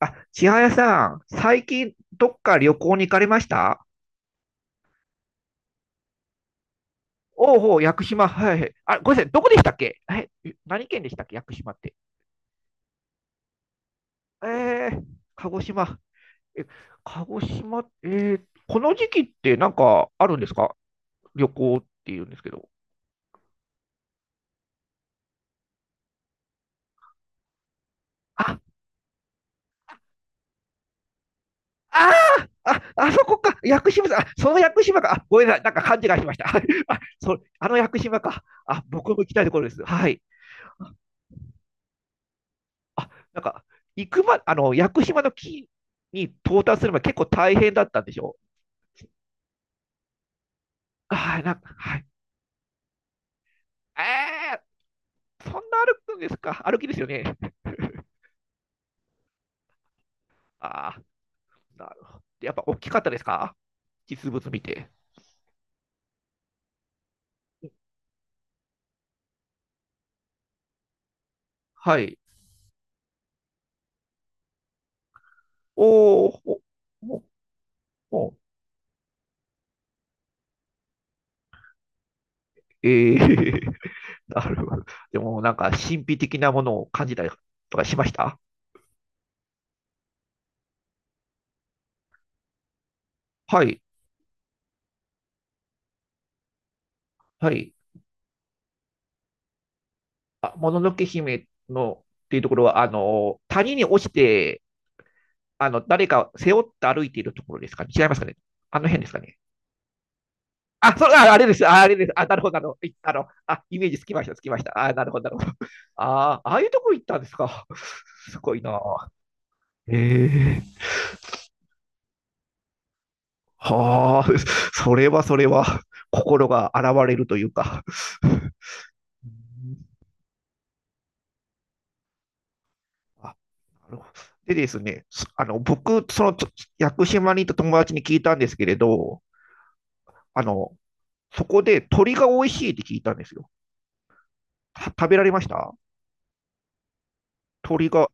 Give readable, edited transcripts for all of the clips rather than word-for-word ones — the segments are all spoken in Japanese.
あ、千早さん、最近どっか旅行に行かれました？おうおう、屋久島。はいはい。あ、ごめんなさい、どこでしたっけ何県でしたっけ屋久島って。えー、鹿児島。え、鹿児島、ー、この時期ってなんかあるんですか、旅行っていうんですけど。あ、ああそこか。屋久島さん、あ、その屋久島か。あ、ごめんなさい、なんか勘違いしました。あの屋久島か。あ、僕も行きたいところです。はい。あ、なんか、行くま、あの、屋久島の木に到達するまで結構大変だったんでしょ？はい、なんか、はい。えそんな歩くんですか、歩きですよね。ああ、なるほど。やっぱ大きかったですか、実物見て。はい。おー、ほ、ほ、ほ、ええー、なるほど。でもなんか神秘的なものを感じたりとかしました？はい、はい。あ、もののけ姫のっていうところは、あの、谷に落ちて、あの、誰か背負って歩いているところですかね、違いますかね、あの辺ですかね？ああれです。ああれです。あ、なるほど、あ、イメージつきました、つきました。あ、なるほど、なるほど。ああ、ああいうとこ行ったんですか。すごいな。ええ、はあ、それはそれは、心が洗われるというか。あ、なるほど。でですね、そあの、僕、その、ちょ屋久島にいた友達に聞いたんですけれど、あの、そこで鳥が美味しいって聞いたんですよ。食べられました？鳥が、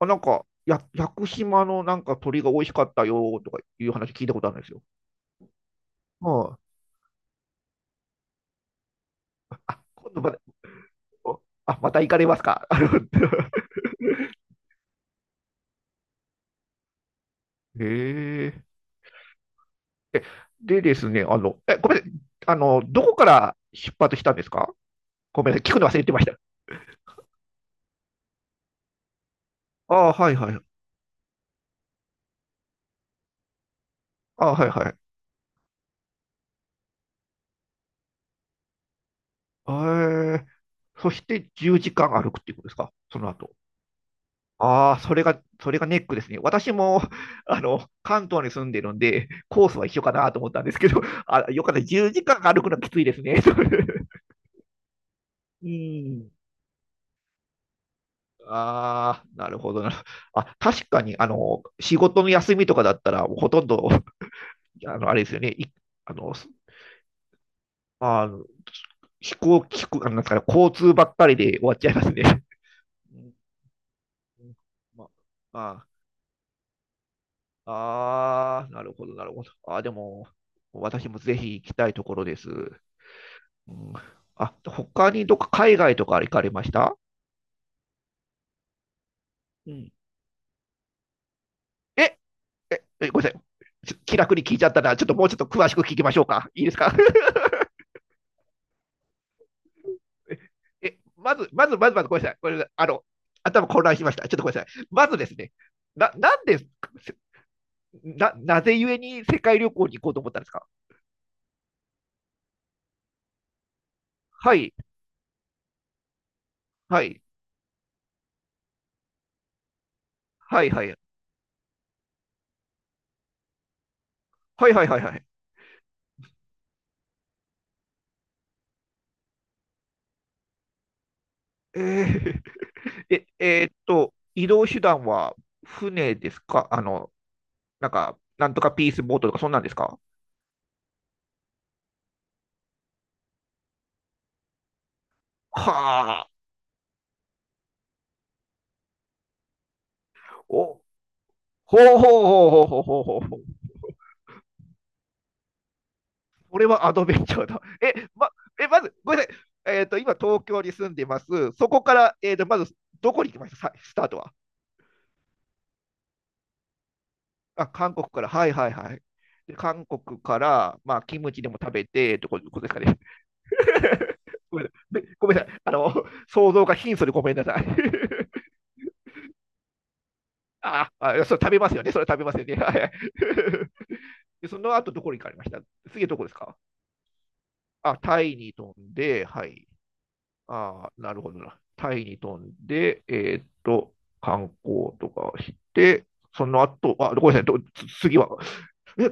あ、なんか、屋久島のなんか鳥が美味しかったよとかいう話聞いたことあるんですよ。はあ。今度また、あ、また行かれますか。あの、 へえ。えでですね、あの、え、ごめんなさい。あの、どこから出発したんですか？ごめんなさい。聞くの忘れてました。ああ、はいはい。ああ、はいはい。ええ。そして10時間歩くっていうことですか、その後。ああ、それが、それがネックですね。私も、あの、関東に住んでるんで、コースは一緒かなと思ったんですけど、あ、よかった。10時間歩くのはきついですね。うん。ああ、なるほどな。あ、確かに、あの、仕事の休みとかだったら、もうほとんど、あの、あれですよね。い、あの、すあの、飛行機、飛行あのなんですかね、交通ばっかりで終わっちゃいますね。うん、うん、まああ、あーなるほど、なるほど。あー、でも、私もぜひ行きたいところです。うん、あ、他にどっか海外とか行かれました？うん。え、え、ごめんなさい。ちょ気楽に聞いちゃったな。ちょっともうちょっと詳しく聞きましょうか。いいですか？ え、まず、まず、まず、まず、ごめんなさい。ごめんなさい。あの、頭混乱しました。ちょっとごめんなさい。まずですね、な、なんで、せな、なぜゆえに世界旅行に行こうと思ったんですか？はい、はい、はい、はい、はい、はい、はい、はい。えー、えーっと、移動手段は船ですか、あの、なんか、なんとかピースボートとか、そんなんですか？はあ。お、ほうほうほうほうほうほうほうほう。これはアドベンチャーだ。え、まず、ごめんなさい。えっと、今、東京に住んでます。そこから、えっと、まず、どこに行きました?スタートは。あ、韓国から。はいはいはい。で韓国から、まあ、キムチでも食べて、ってことですかね。ごめんなさい。でごめんなさい。あの、想像が貧相でごめんなさい。ああ、それ食べますよね。それ食べますよね。はいはい。でその後、どこに行かれました？次どこですか？あ、タイに飛んで、はい。ああ、なるほどな。タイに飛んで、えーっと、観光とかして、その後、あ、ごめんなさい、次は。え、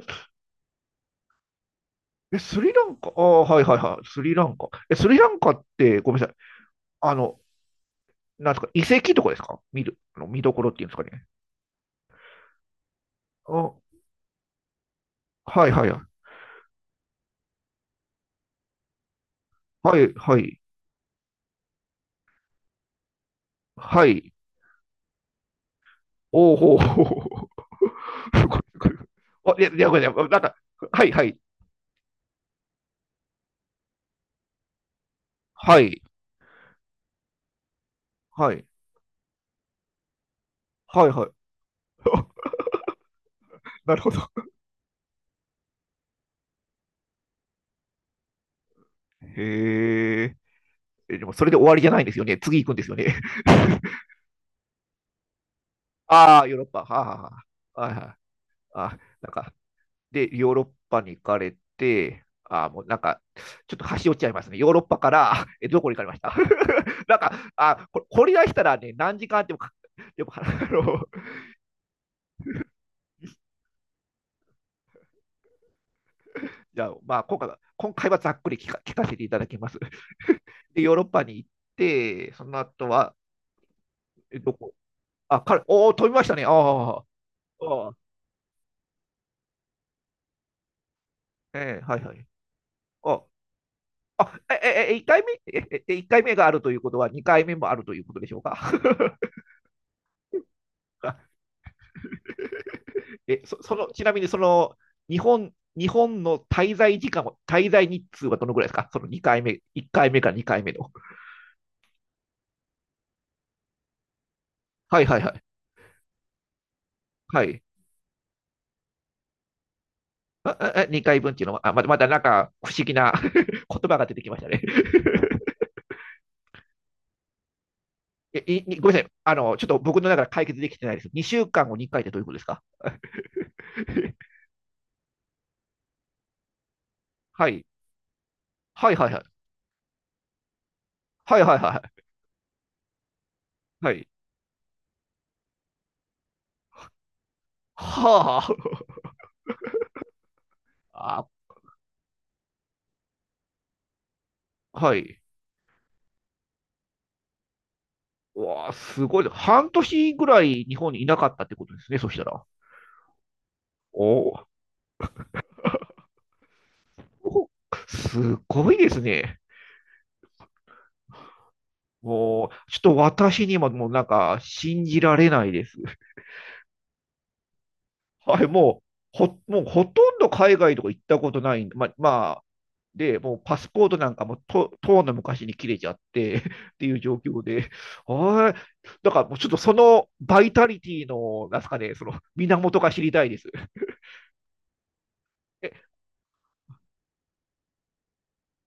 スリランカ、ああ、はいはいはい、スリランカ。え、スリランカって、ごめんなさい、あの、なんですか、遺跡とかですか、見る、あの見どころっていうんですかね。あ、はいはいはい、はい、はい。おお、ほうほうほう、ごいすごい。あ、いや、いや、ごめんなさい、なんか、はいはい、はい、はい、はい、はい。なるほど。へえ。えでもそれで終わりじゃないんですよね。次行くんですよね。ああ、ヨーロッパ。はあ、はあ、はいはい。あ、なんか、で、ヨーロッパに行かれて、あもうなんか、ちょっと端折っちゃいますね。ヨーロッパから、えどこに行かれました？ なんか、あこれ、掘り出したらね、何時間あってもでも、あの、じゃあ、まあ、今回は、今回はざっくり聞かせていただきます。で、ヨーロッパに行って、その後は、えどこ？あ、おお、飛びましたね。あーあええー、はいはい。あ、1回目、一回目があるということは、2回目もあるということでしょうか。え、その、ちなみにその、日本の滞在日数はどのぐらいですか、その2回目、1回目か2回目の。はいはいはい。はい。2回分っていうのは、あ、まだなんか不思議な、 言葉が出てきましたね。え、ごめんなさい。あの、ちょっと僕の中で解決できてないです。2週間を2回ってどういうことですか？ はい。はいはいはい。はいはいはい。はい。はあ。あー、はい。うわあ、すごい。半年ぐらい日本にいなかったってことですね、そしたら。おー、お、すごいですね。もう、ちょっと私にももうなんか信じられないです。はい、もうほとんど海外とか行ったことないんで、まあ、まあ、で、もうパスポートなんかとうの昔に切れちゃって、 っていう状況で、はい、だからもうちょっとそのバイタリティの、なんすかね、その源が知りたいです。え、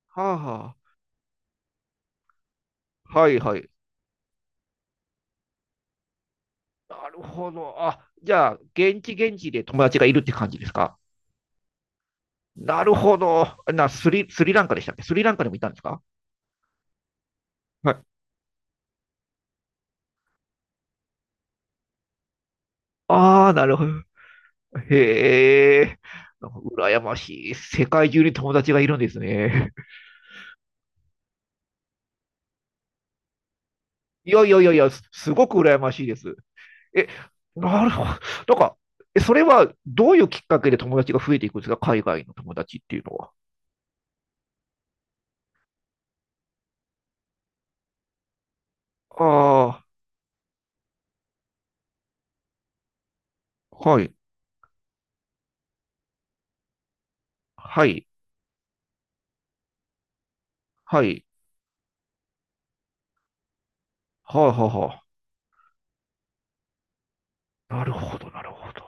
はあ、はあ、はいはい。なるほど。あ、じゃあ、現地現地で友達がいるって感じですか。なるほど。な、スリ、スリランカでしたっけ、スリランカでもいたんですか？はい。ああ、なるほど。へえ。なんか羨ましい。世界中に友達がいるんですね。いやいやいやいや、すごく羨ましいです。え、なるほど。なんか、えそれはどういうきっかけで友達が増えていくんですか、海外の友達っていうのは。ああ、はい。はい。はい。はあ、はあ、はあ。なるほど、なるほど。